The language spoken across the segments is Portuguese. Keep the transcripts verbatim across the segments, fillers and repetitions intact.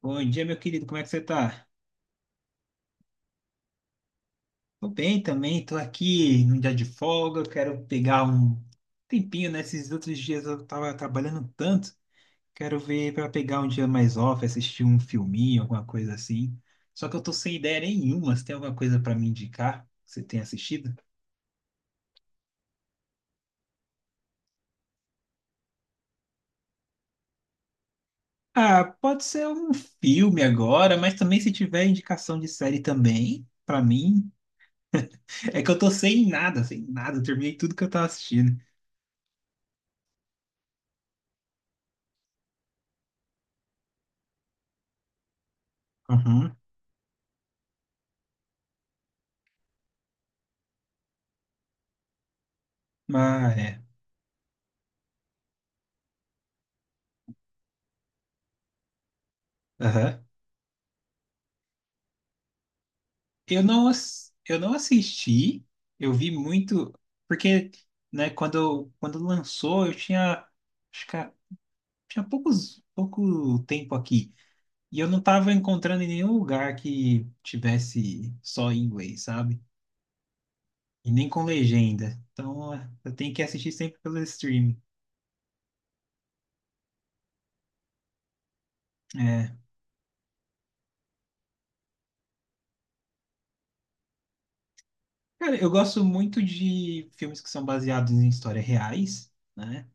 Bom dia, meu querido, como é que você tá? Tô bem também, tô aqui num dia de folga, quero pegar um tempinho, né? Esses outros dias eu tava trabalhando tanto, quero ver pra pegar um dia mais off, assistir um filminho, alguma coisa assim. Só que eu tô sem ideia nenhuma, você tem alguma coisa pra me indicar? Que Você tem assistido? Ah, pode ser um filme agora, mas também se tiver indicação de série também, pra mim. É que eu tô sem nada, sem nada, eu terminei tudo que eu tava assistindo. Uhum. Mas é. Aham. Eu não, ass- eu não assisti, eu vi muito, porque, né, quando, quando lançou, eu tinha, acho que a- tinha poucos, pouco tempo aqui, e eu não estava encontrando em nenhum lugar que tivesse só em inglês, sabe? E nem com legenda. Então, eh, eu tenho que assistir sempre pelo streaming. É. Cara, eu gosto muito de filmes que são baseados em histórias reais, né?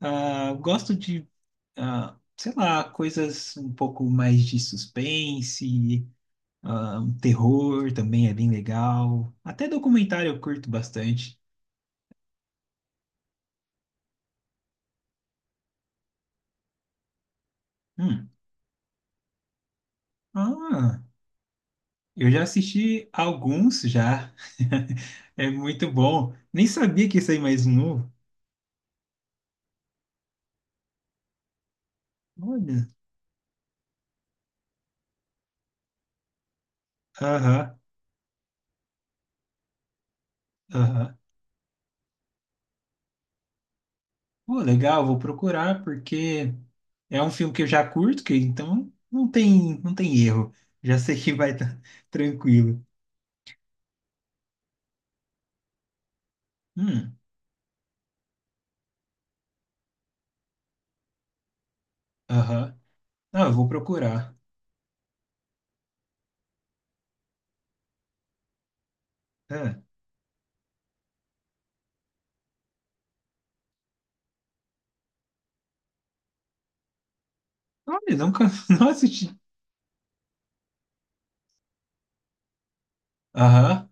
Ah, gosto de, ah, sei lá, coisas um pouco mais de suspense, ah, um terror também é bem legal. Até documentário eu curto bastante. Hum. Ah, eu já assisti alguns já. É muito bom. Nem sabia que ia sair mais um novo. Olha. Aham, aham. Pô, legal, vou procurar porque é um filme que eu já curto, que então não tem, não tem erro. Já sei que vai estar tranquilo. Hum, aham. Ah, eu vou procurar. Ah, olha, nunca não assisti. Aham.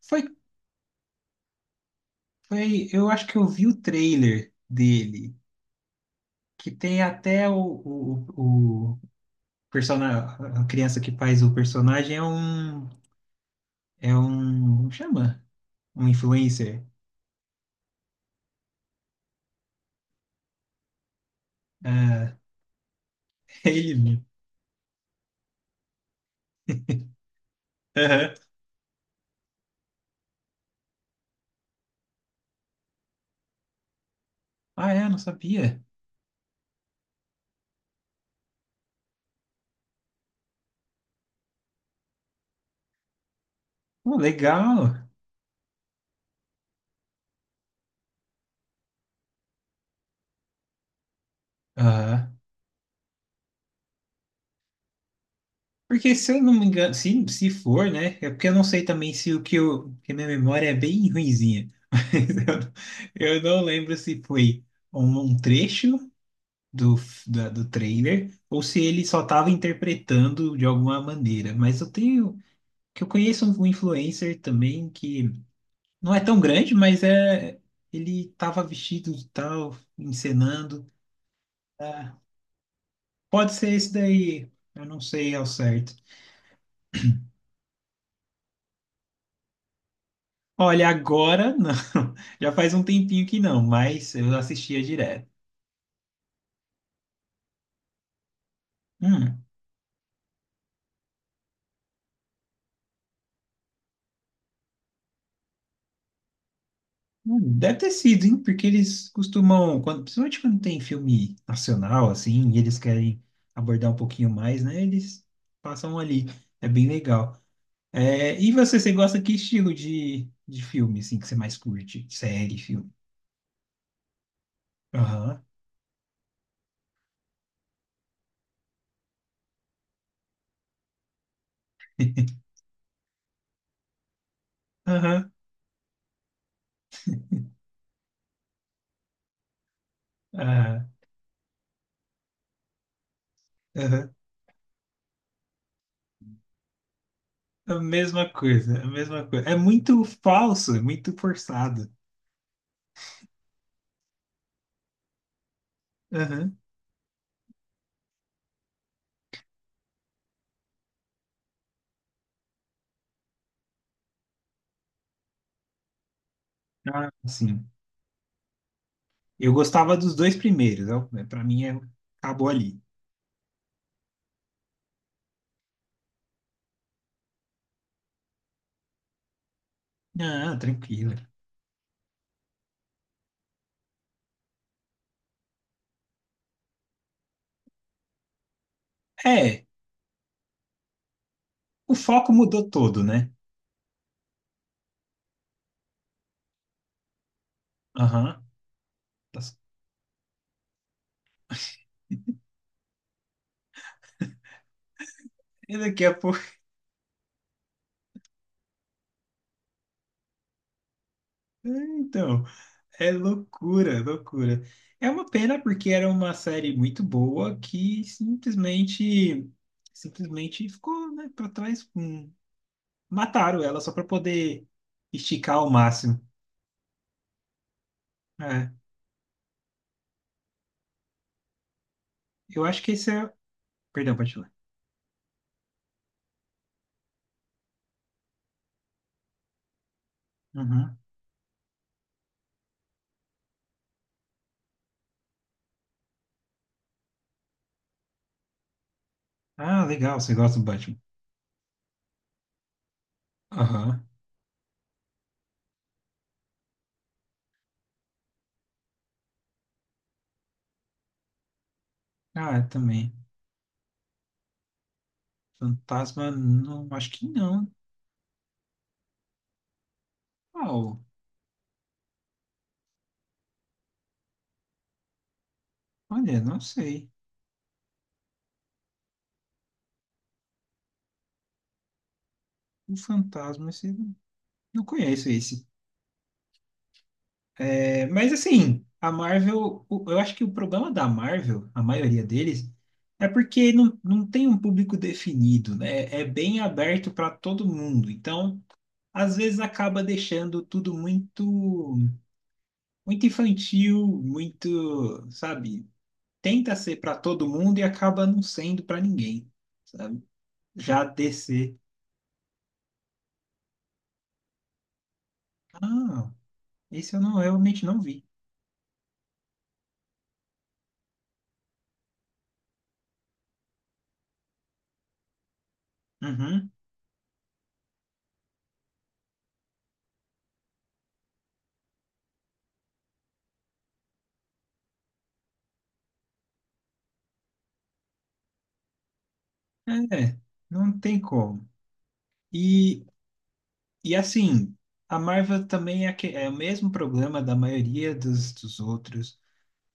Foi, foi, eu acho que eu vi o trailer dele, que tem até o, o, o personagem, a criança que faz o personagem é um, é um, como chama? Um influencer. Ah, é ele mesmo. Aham. Ah, é, não sabia. Pô, legal. Aham. Porque se eu não me engano, se, se for, né? É porque eu não sei também se o que eu. Porque minha memória é bem ruinzinha. Mas eu, eu não lembro se foi um, um trecho do, f- da- do trailer ou se ele só estava interpretando de alguma maneira. Mas eu tenho. Que eu conheço um influencer também que não é tão grande, mas é. Ele estava vestido e tal, encenando. Ah, pode ser esse daí. Eu não sei ao certo. Olha, agora não. Já faz um tempinho que não, mas eu assistia direto. Hum, hum, deve ter sido, hein? Porque eles costumam, quando, principalmente quando tem filme nacional, assim, e eles querem abordar um pouquinho mais, né? Eles passam ali. É bem legal. É, e você, você gosta que estilo de, de filme, assim, que você mais curte? Série, filme? Aham, aham, aham, aham. A mesma coisa, a mesma coisa. É muito falso, é muito forçado. Aham. Ah, sim. Eu gostava dos dois primeiros, para mim é- acabou ali. Ah, tranquilo. É, o foco mudou todo, né? Aham. Nossa, E daqui a pouco. Então, é loucura, loucura. É uma pena porque era uma série muito boa que simplesmente, simplesmente ficou, né, para trás. Hum, Mataram ela só para poder esticar ao máximo. É, eu acho que esse é. Perdão, pode falar. Uhum. Ah, legal, você gosta do Batman. Aham. Ah, eu também. Fantasma, não, acho que não. Uau, olha, não sei. O fantasma, esse, não conheço esse. É, mas assim, a Marvel, o- eu acho que o problema da Marvel, a maioria deles, é porque não, não tem um público definido, né? É bem aberto para todo mundo. Então, às vezes acaba deixando tudo muito, muito infantil, muito, sabe? Tenta ser para todo mundo e acaba não sendo para ninguém, sabe? Já D C. Ah. Isso eu não, eu realmente não vi. Uhum. É, não tem como. E, e assim, a Marvel também é, aque- é o mesmo problema da maioria dos, dos outros.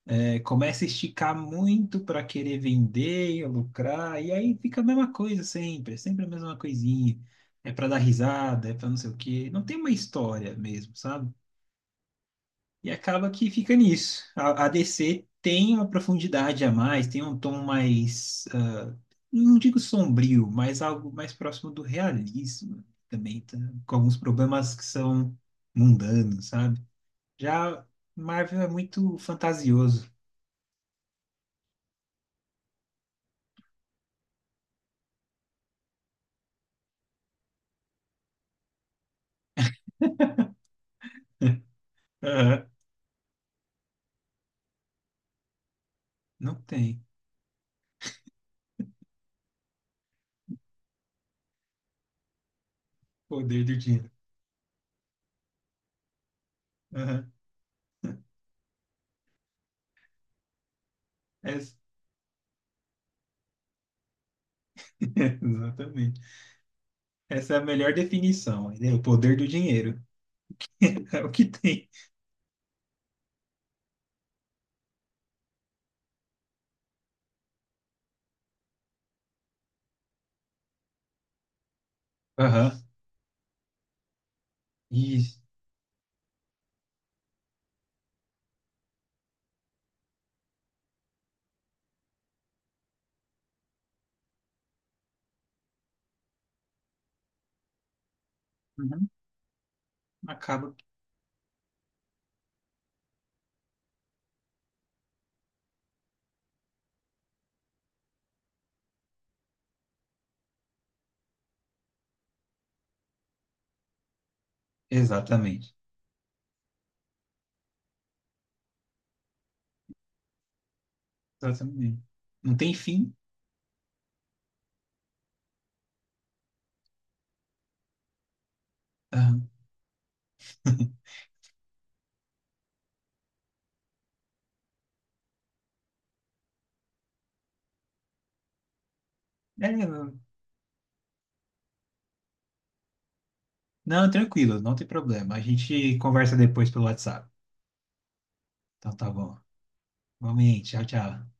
É, começa a esticar muito para querer vender e lucrar, e aí fica a mesma coisa sempre, é sempre a mesma coisinha. É para dar risada, é para não sei o quê. Não tem uma história mesmo, sabe? E acaba que fica nisso. A, a D C tem uma profundidade a mais, tem um tom mais, ah, não digo sombrio, mas algo mais próximo do realismo. Também tá, com alguns problemas que são mundanos, sabe? Já Marvel é muito fantasioso. Aham. Não tem poder do dinheiro. Aham. Essa- exatamente. Essa é a melhor definição, né? O poder do dinheiro. É o que tem. Aham. E uhum. acaba exatamente. Exatamente. Não tem fim. Aham. É, não, não, tranquilo, não tem problema. A gente conversa depois pelo WhatsApp. Então tá bom. Vamos aí, tchau, tchau.